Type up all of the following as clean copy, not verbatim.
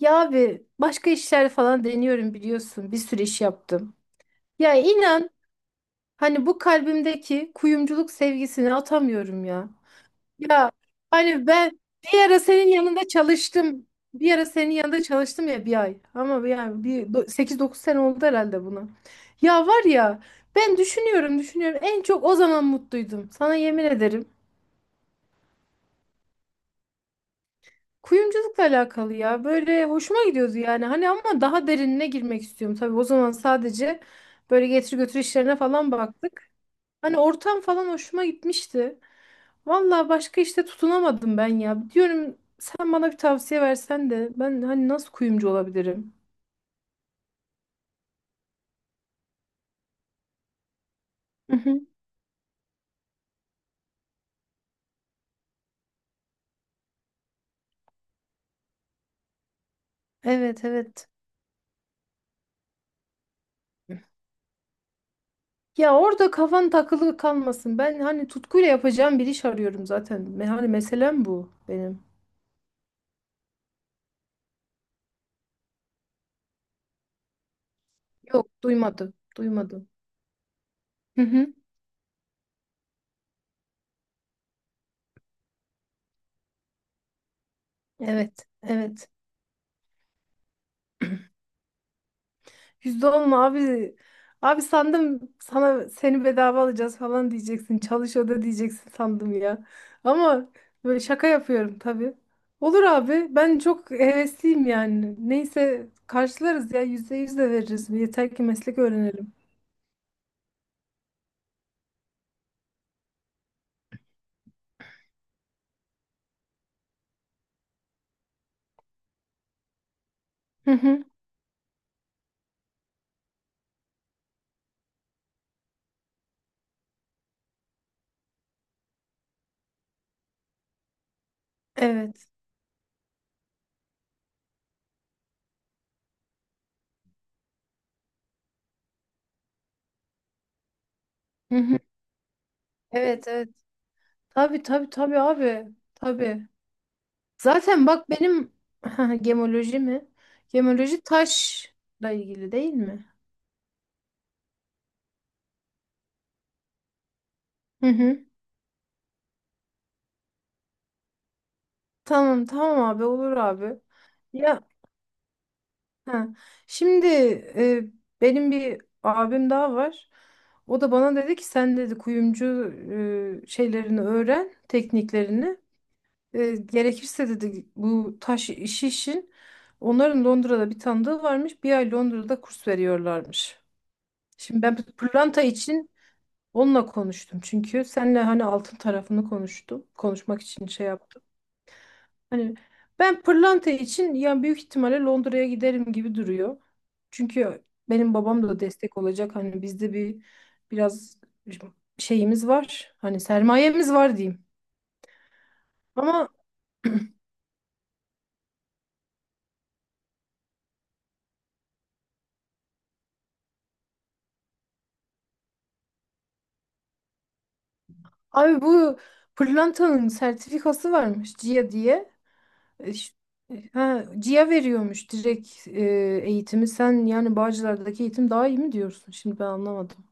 Ya abi başka işler falan deniyorum biliyorsun. Bir sürü iş yaptım. Ya inan hani bu kalbimdeki kuyumculuk sevgisini atamıyorum ya. Ya hani ben bir ara senin yanında çalıştım. Bir ara senin yanında çalıştım ya bir ay. Ama yani bir 8-9 sene oldu herhalde buna. Ya var ya ben düşünüyorum en çok o zaman mutluydum. Sana yemin ederim. Kuyumculukla alakalı ya. Böyle hoşuma gidiyordu yani. Hani ama daha derinine girmek istiyorum. Tabii o zaman sadece böyle getir götür işlerine falan baktık. Hani ortam falan hoşuma gitmişti. Vallahi başka işte tutunamadım ben ya. Diyorum sen bana bir tavsiye versen de ben hani nasıl kuyumcu olabilirim? Hı hı. Evet evet. Ya orada kafan takılı kalmasın. Ben hani tutkuyla yapacağım bir iş arıyorum zaten. Me- Hani meselem bu benim. Yok duymadım. Duymadım. Hı hı. Evet, evet. Yüzde on mu abi? Abi sandım sana seni bedava alacağız falan diyeceksin. Çalış oda diyeceksin sandım ya. Ama böyle şaka yapıyorum tabii. Olur abi. Ben çok hevesliyim yani. Neyse karşılarız ya. Yüzde yüz de veririz. Yeter ki meslek öğrenelim. Hı hı. Evet. Hı hı. Evet, evet. Tabii tabii tabii abi. Tabii. Zaten bak benim gemoloji mi? Gemoloji taşla ilgili değil mi? Hı hı. Tamam abi olur abi. Ya ha. Şimdi e, benim bir abim daha var. O da bana dedi ki sen dedi kuyumcu şeylerini öğren, tekniklerini. Gerekirse dedi bu taş işi için onların Londra'da bir tanıdığı varmış. Bir ay Londra'da kurs veriyorlarmış. Şimdi ben pırlanta için onunla konuştum. Çünkü seninle hani altın tarafını konuştum. Konuşmak için şey yaptım. Hani ben pırlanta için ya büyük ihtimalle Londra'ya giderim gibi duruyor. Çünkü benim babam da destek olacak. Hani bizde bir biraz şeyimiz var. Hani sermayemiz var diyeyim. Ama abi bu pırlantanın sertifikası varmış CIA diye. E, ş- Ha, CIA veriyormuş direkt eğitimi. Sen yani Bağcılar'daki eğitim daha iyi mi diyorsun? Şimdi ben anlamadım.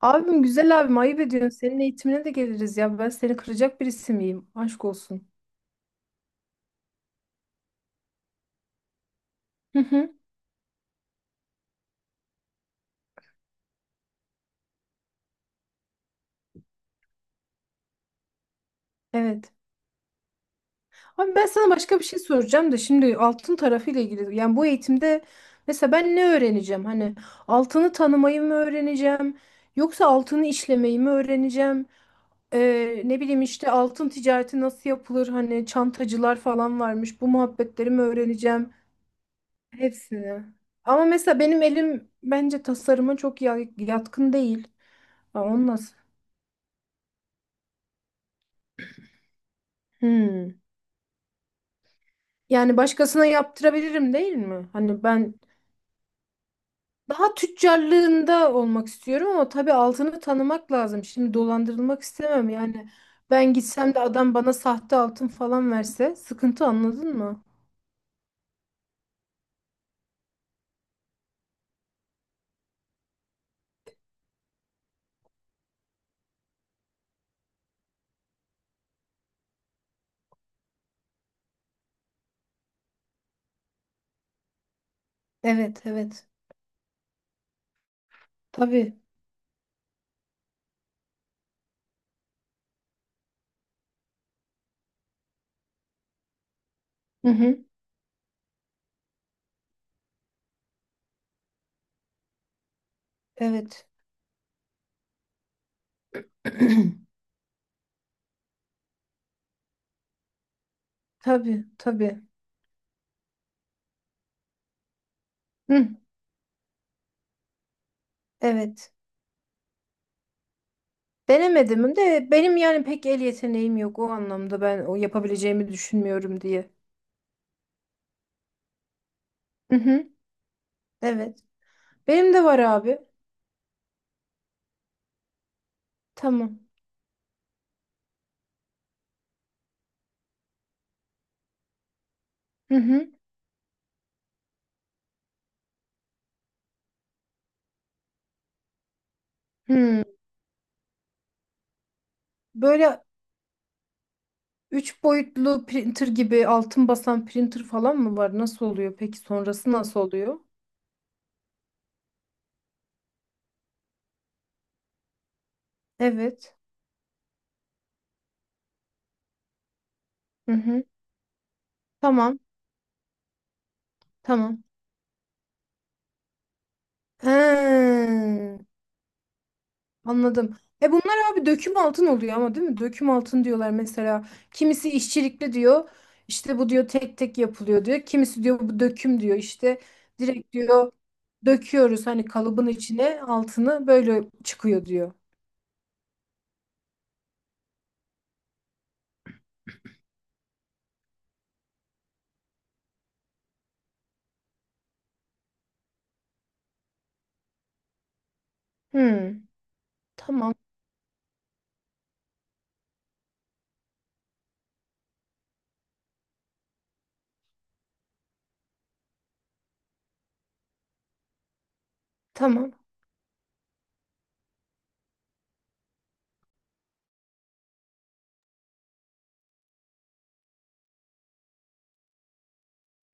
Abim güzel abim ayıp ediyorsun. Senin eğitimine de geliriz ya. Ben seni kıracak birisi miyim? Aşk olsun. Hı hı, evet. Abi ben sana başka bir şey soracağım da şimdi altın tarafıyla ilgili. Yani bu eğitimde mesela ben ne öğreneceğim? Hani altını tanımayı mı öğreneceğim? Yoksa altını işlemeyi mi öğreneceğim? Ne bileyim işte altın ticareti nasıl yapılır? Hani çantacılar falan varmış. Bu muhabbetleri mi öğreneceğim? Hepsini. Ama mesela benim elim bence tasarıma çok yatkın değil. Ha, onun nasıl? Hmm. Yani başkasına yaptırabilirim değil mi? Hani ben daha tüccarlığında olmak istiyorum ama tabii altını tanımak lazım. Şimdi dolandırılmak istemem yani. Ben gitsem de adam bana sahte altın falan verse sıkıntı anladın mı? Evet, evet. Tabii. Hı hı. Evet. Tabii, tabii. Hı, evet. Denemedim de benim yani pek el yeteneğim yok o anlamda ben o yapabileceğimi düşünmüyorum diye. Hı hı. Evet. Benim de var abi. Tamam. Hı hı. Hı. Böyle üç boyutlu printer gibi altın basan printer falan mı var? Nasıl oluyor? Peki sonrası nasıl oluyor? Evet. Hı hı. Tamam. Tamam. He, anladım. E bunlar abi döküm altın oluyor ama değil mi? Döküm altın diyorlar mesela. Kimisi işçilikli diyor. İşte bu diyor tek tek yapılıyor diyor. Kimisi diyor bu döküm diyor. İşte direkt diyor döküyoruz hani kalıbın içine altını böyle çıkıyor diyor. Hmm. Tamam. Tamam.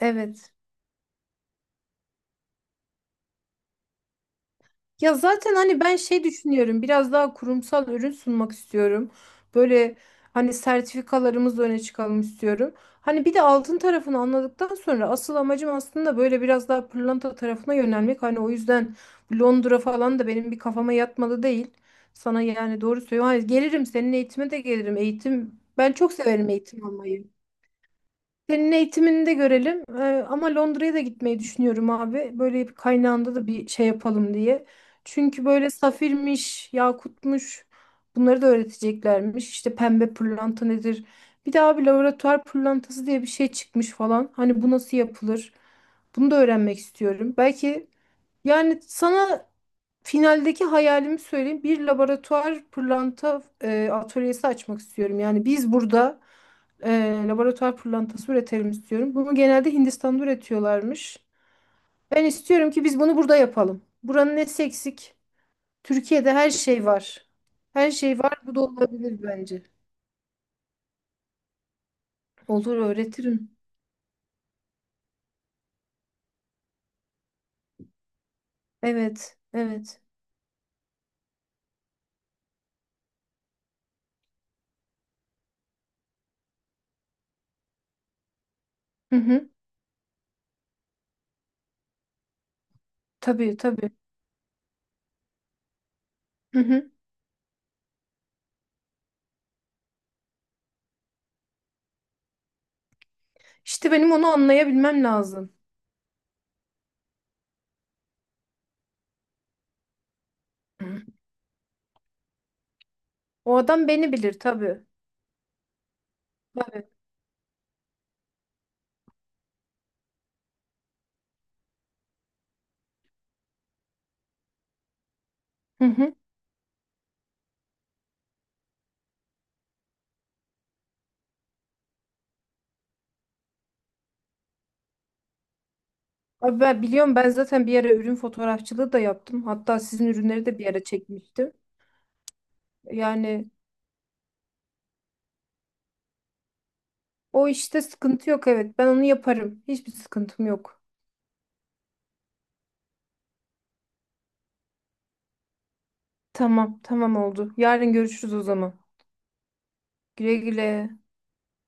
Evet. Ya zaten hani ben şey düşünüyorum biraz daha kurumsal ürün sunmak istiyorum. Böyle hani sertifikalarımızla öne çıkalım istiyorum. Hani bir de altın tarafını anladıktan sonra asıl amacım aslında böyle biraz daha pırlanta tarafına yönelmek. Hani o yüzden Londra falan da benim bir kafama yatmalı değil. Sana yani doğru söylüyorum. Hani gelirim senin eğitime de gelirim. Eğitim ben çok severim eğitim almayı. Senin eğitimini de görelim. Ama Londra'ya da gitmeyi düşünüyorum abi. Böyle bir kaynağında da bir şey yapalım diye. Çünkü böyle safirmiş, yakutmuş bunları da öğreteceklermiş. İşte pembe pırlanta nedir? Bir daha bir laboratuvar pırlantası diye bir şey çıkmış falan. Hani bu nasıl yapılır? Bunu da öğrenmek istiyorum. Belki yani sana finaldeki hayalimi söyleyeyim. Bir laboratuvar pırlanta atölyesi açmak istiyorum. Yani biz burada e, laboratuvar pırlantası üretelim istiyorum. Bunu genelde Hindistan'da üretiyorlarmış. Ben istiyorum ki biz bunu burada yapalım. Buranın nesi eksik? Türkiye'de her şey var. Her şey var. Bu da olabilir bence. Olur öğretirim. Evet, evet. Hı hı. Tabii, tabii. Hı hı. İşte benim onu anlayabilmem lazım. Hı. O adam beni bilir tabii. Hı hı. Abi ben biliyorum ben zaten bir ara ürün fotoğrafçılığı da yaptım. Hatta sizin ürünleri de bir ara çekmiştim. Yani o işte sıkıntı yok evet. Ben onu yaparım. Hiçbir sıkıntım yok. Tamam, tamam oldu. Yarın görüşürüz o zaman. Güle güle.